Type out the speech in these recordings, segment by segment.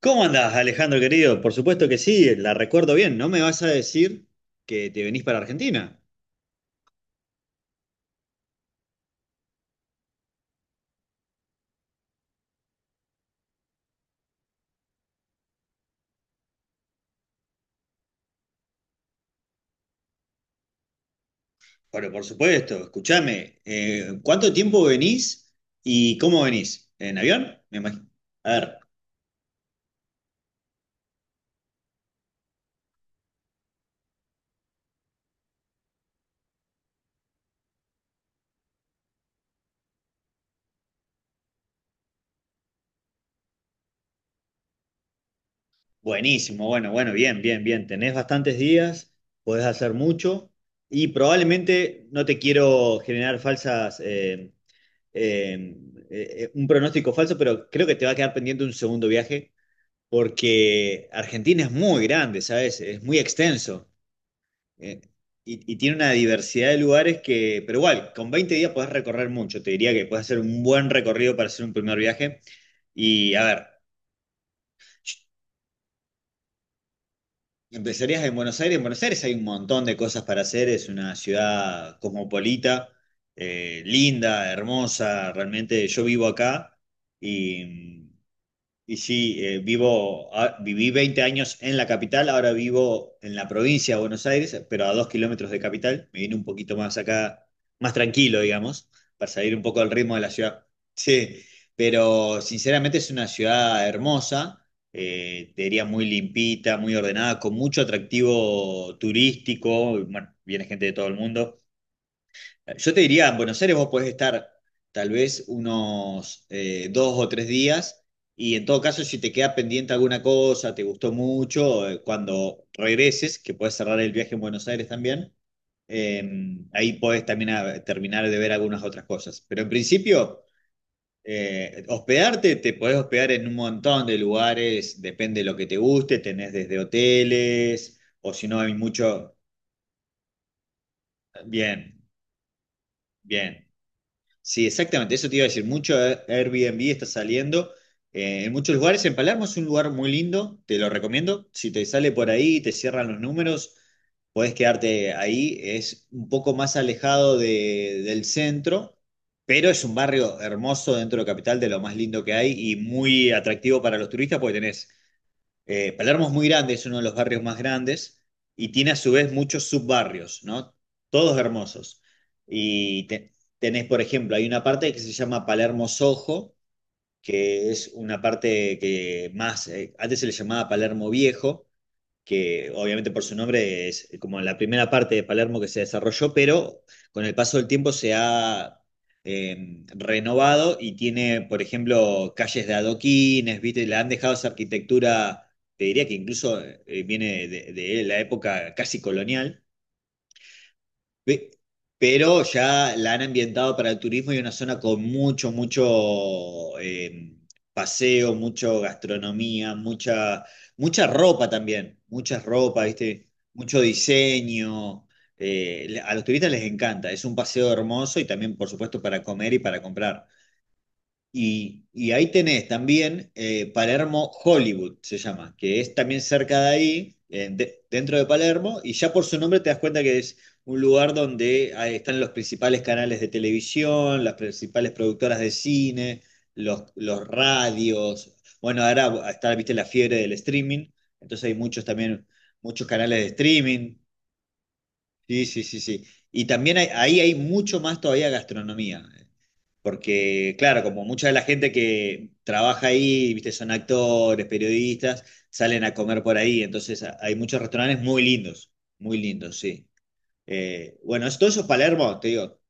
¿Cómo andás, Alejandro querido? Por supuesto que sí, la recuerdo bien. No me vas a decir que te venís para Argentina. Bueno, por supuesto, escúchame. ¿Cuánto tiempo venís y cómo venís? ¿En avión? Me imagino. A ver, buenísimo, bueno, bueno, bien, bien, bien. Tenés bastantes días, podés hacer mucho y probablemente no te quiero generar falsas, eh, un pronóstico falso, pero creo que te va a quedar pendiente un segundo viaje porque Argentina es muy grande, ¿sabes? Es muy extenso eh, y tiene una diversidad de lugares que, pero igual, con 20 días podés recorrer mucho, te diría que puedes hacer un buen recorrido para hacer un primer viaje y a ver. Empezarías en Buenos Aires. En Buenos Aires hay un montón de cosas para hacer. Es una ciudad cosmopolita, linda, hermosa. Realmente yo vivo acá y viví 20 años en la capital, ahora vivo en la provincia de Buenos Aires, pero a 2 kilómetros de capital. Me vine un poquito más acá, más tranquilo, digamos, para salir un poco del ritmo de la ciudad. Sí, pero sinceramente es una ciudad hermosa, te diría muy limpita, muy ordenada, con mucho atractivo turístico. Bueno, viene gente de todo el mundo. Yo te diría, en Buenos Aires vos podés estar tal vez unos dos o tres días y en todo caso si te queda pendiente alguna cosa, te gustó mucho, cuando regreses, que podés cerrar el viaje en Buenos Aires también, eh, ahí podés también terminar de ver algunas otras cosas. Pero en principio, hospedarte, te podés hospedar en un montón de lugares, depende de lo que te guste, tenés desde hoteles o si no hay mucho. Bien, bien. Sí, exactamente, eso te iba a decir. Mucho Airbnb está saliendo en muchos lugares. En Palermo es un lugar muy lindo, te lo recomiendo. Si te sale por ahí y te cierran los números, podés quedarte ahí. Es un poco más alejado del centro, pero es un barrio hermoso dentro de Capital, de lo más lindo que hay y muy atractivo para los turistas porque tenés Palermo es muy grande, es uno de los barrios más grandes y tiene a su vez muchos subbarrios, ¿no? Todos hermosos. Tenés, por ejemplo, hay una parte que se llama Palermo Sojo, que es una parte que más, antes se le llamaba Palermo Viejo, que obviamente por su nombre es como la primera parte de Palermo que se desarrolló, pero con el paso del tiempo se ha renovado y tiene, por ejemplo, calles de adoquines, ¿viste? Le han dejado esa arquitectura, te diría que incluso viene de la época casi colonial. Pe- Pero ya la han ambientado para el turismo y una zona con mucho, mucho paseo, mucho gastronomía, mucha, mucha ropa también, mucha ropa, ¿viste? Mucho diseño. A los turistas les encanta, es un paseo hermoso y también, por supuesto, para comer y para comprar. Y ahí tenés también Palermo Hollywood, se llama, que es también cerca de ahí, dentro de Palermo, y ya por su nombre te das cuenta que es un lugar donde ahí están los principales canales de televisión, las principales productoras de cine, los radios. Bueno, ahora está, viste, la fiebre del streaming, entonces hay muchos también, muchos canales de streaming. Sí, sí, sí, sí. Ahí hay mucho más todavía gastronomía. Porque, claro, como mucha de la gente que trabaja ahí, viste, son actores, periodistas, salen a comer por ahí. Hay muchos restaurantes muy lindos, sí. Todo eso es Palermo, te digo,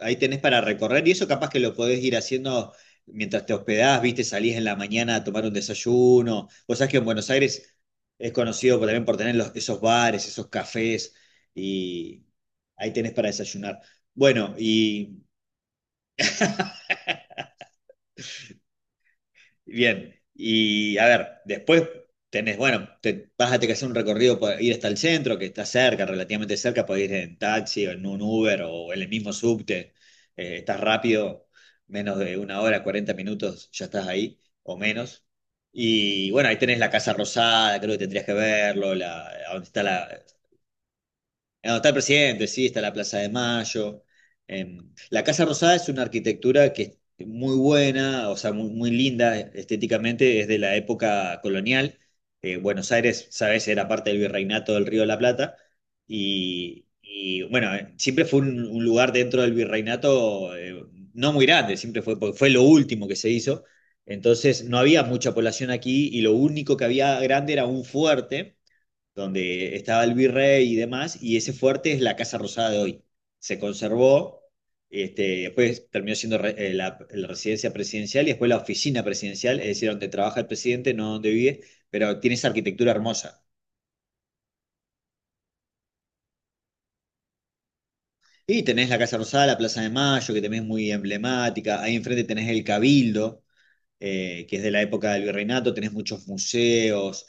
ahí tenés para recorrer y eso capaz que lo podés ir haciendo mientras te hospedás, viste, salís en la mañana a tomar un desayuno. Vos sabés que en Buenos Aires es conocido también por tener esos bares, esos cafés y ahí tenés para desayunar. Bueno, y bien, y a ver, después tenés, bueno, te, vas a tener que hacer un recorrido para ir hasta el centro, que está cerca, relativamente cerca, podés ir en taxi o en un Uber o en el mismo subte, estás rápido, menos de una hora, 40 minutos, ya estás ahí, o menos. Y bueno, ahí tenés la Casa Rosada, creo que tendrías que verlo, la, donde está la, no, está el presidente, sí, está la Plaza de Mayo. Eh, la Casa Rosada es una arquitectura que es muy buena, o sea, muy, muy linda estéticamente, es de la época colonial. Buenos Aires, sabes, era parte del virreinato del Río de la Plata. Y, bueno, siempre fue un lugar dentro del virreinato no muy grande, siempre fue, porque fue lo último que se hizo. Entonces no había mucha población aquí y lo único que había grande era un fuerte donde estaba el virrey y demás, y ese fuerte es la Casa Rosada de hoy. Se conservó, este, después terminó siendo la, la residencia presidencial y después la oficina presidencial, es decir, donde trabaja el presidente, no donde vive, pero tiene esa arquitectura hermosa. Y tenés la Casa Rosada, la Plaza de Mayo, que también es muy emblemática. Ahí enfrente tenés el Cabildo, que es de la época del virreinato. Tenés muchos museos,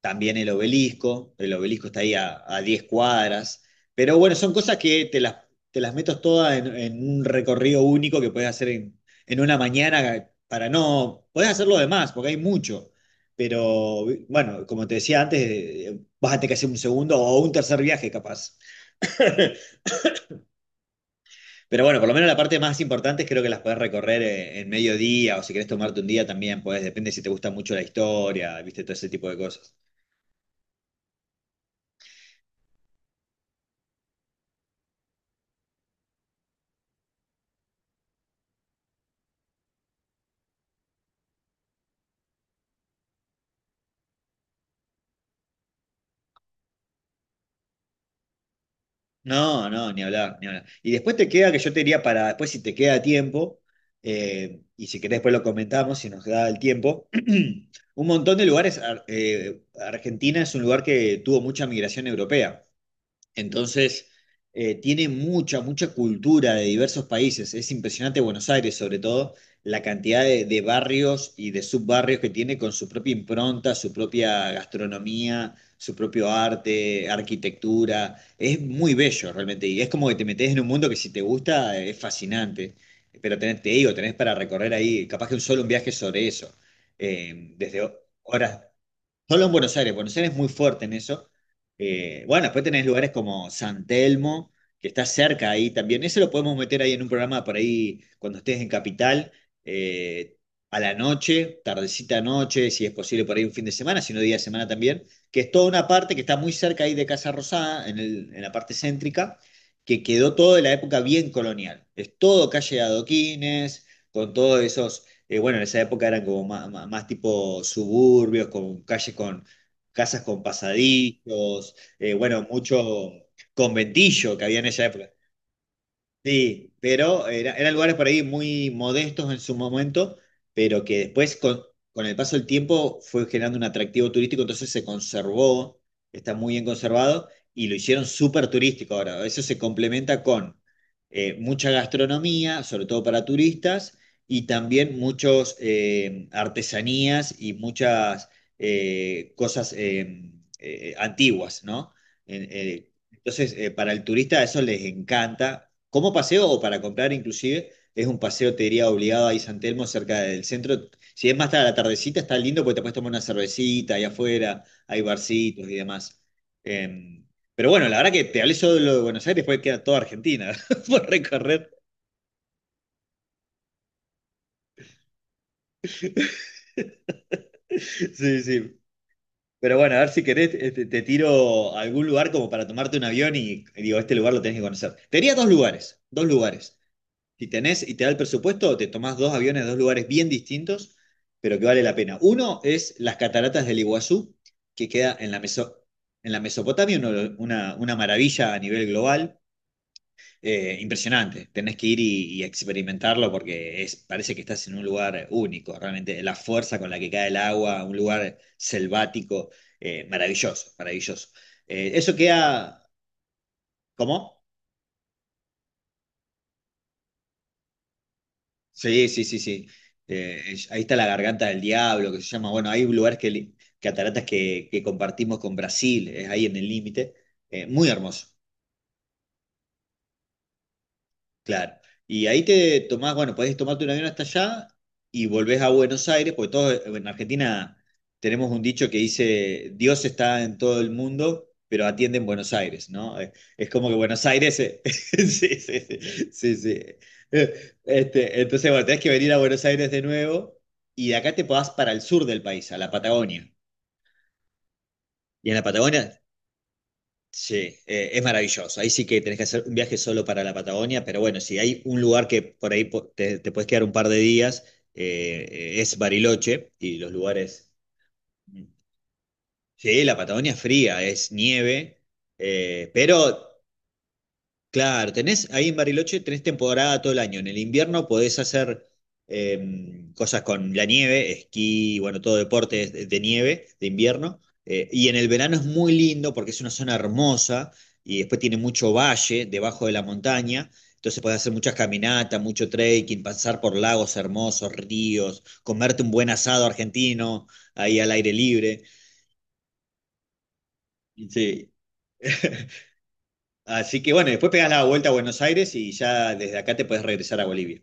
también el obelisco está ahí a 10 cuadras, pero bueno, son cosas que te las metes todas en un recorrido único que puedes hacer en una mañana para no, podés hacer lo demás, porque hay mucho, pero bueno, como te decía antes, vas a tener que hacer un segundo o un tercer viaje capaz. Pero bueno, por lo menos la parte más importante creo que las podés recorrer en mediodía o si querés tomarte un día también, podés, depende si te gusta mucho la historia, viste, todo ese tipo de cosas. No, no, ni hablar, ni hablar. Y después te queda que yo te diría para, después si te queda tiempo, y si querés después lo comentamos, si nos da el tiempo, un montón de lugares, Argentina es un lugar que tuvo mucha migración europea. Entonces, tiene mucha, mucha cultura de diversos países. Es impresionante Buenos Aires, sobre todo, la cantidad de barrios y de subbarrios que tiene con su propia impronta, su propia gastronomía, su propio arte, arquitectura. Es muy bello realmente. Y es como que te metes en un mundo que si te gusta es fascinante. Pero tenés, te digo, tenés para recorrer ahí, capaz que un solo un viaje sobre eso. Eh, desde ho- horas. Solo en Buenos Aires, Buenos Aires es muy fuerte en eso. Bueno, después tenés lugares como San Telmo, que está cerca ahí también. Eso lo podemos meter ahí en un programa por ahí cuando estés en Capital, eh, a la noche, tardecita noche, si es posible por ahí un fin de semana, si no día de semana también, que es toda una parte que está muy cerca ahí de Casa Rosada, en la parte céntrica, que quedó todo de la época bien colonial. Es todo calle de adoquines, con todos esos bueno, en esa época eran como más, más tipo suburbios, con calles con casas con pasadizos, bueno, mucho conventillo que había en esa época. Sí, eran lugares por ahí muy modestos en su momento, pero que después con el paso del tiempo fue generando un atractivo turístico, entonces se conservó, está muy bien conservado y lo hicieron súper turístico ahora. Eso se complementa con mucha gastronomía, sobre todo para turistas, y también muchos artesanías y muchas cosas antiguas, ¿no? Entonces, para el turista eso les encanta como paseo o para comprar inclusive. Es un paseo, te diría, obligado ahí San Telmo, cerca del centro. Si es más tarde a la tardecita, está lindo porque te puedes tomar una cervecita ahí afuera, hay barcitos y demás. Em, pero bueno, la verdad que te hablé solo de lo de Buenos Aires, después queda toda Argentina por recorrer. Sí, sí. Pero bueno, a ver si querés, este, te tiro a algún lugar como para tomarte un avión y digo, este lugar lo tenés que conocer. Te diría dos lugares, dos lugares. Si tenés y te da el presupuesto, te tomás dos aviones, de dos lugares bien distintos, pero que vale la pena. Uno es las cataratas del Iguazú, que queda en la, en la Mesopotamia, una maravilla a nivel global. Impresionante, tenés que ir y experimentarlo porque es, parece que estás en un lugar único, realmente la fuerza con la que cae el agua, un lugar selvático, maravilloso, maravilloso. Eso queda, ¿cómo? Sí, sí, sí, sí. Ahí está la garganta del diablo, que se llama. Bueno, hay lugares cataratas que compartimos con Brasil, es ahí en el límite. Muy hermoso. Claro. Y ahí te tomás, bueno, podés tomarte un avión hasta allá y volvés a Buenos Aires, porque todos en Argentina tenemos un dicho que dice, Dios está en todo el mundo, pero atiende en Buenos Aires, ¿no? Es como que Buenos Aires... sí, sí, sí, sí, sí. Este, entonces, bueno, tenés que venir a Buenos Aires de nuevo y de acá te podás para el sur del país, a la Patagonia. Y en la Patagonia sí, es maravilloso. Ahí sí que tenés que hacer un viaje solo para la Patagonia, pero bueno, si hay un lugar que por ahí te puedes quedar un par de días, eh, es Bariloche y los lugares... mm, sí, la Patagonia es fría, es nieve, eh, pero claro, tenés ahí en Bariloche, tenés temporada todo el año. En el invierno podés hacer eh, cosas con la nieve, esquí, bueno, todo deporte es de nieve, de invierno. Y en el verano es muy lindo porque es una zona hermosa y después tiene mucho valle debajo de la montaña. Entonces podés hacer muchas caminatas, mucho trekking, pasar por lagos hermosos, ríos, comerte un buen asado argentino ahí al aire libre. Sí. Así que bueno, después pegás la vuelta a Buenos Aires y ya desde acá te podés regresar a Bolivia.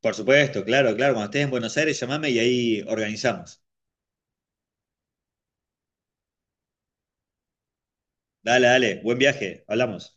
Por supuesto, claro, claro. Cuando estés en Buenos Aires, llamame y ahí organizamos. Dale, dale. Buen viaje. Hablamos.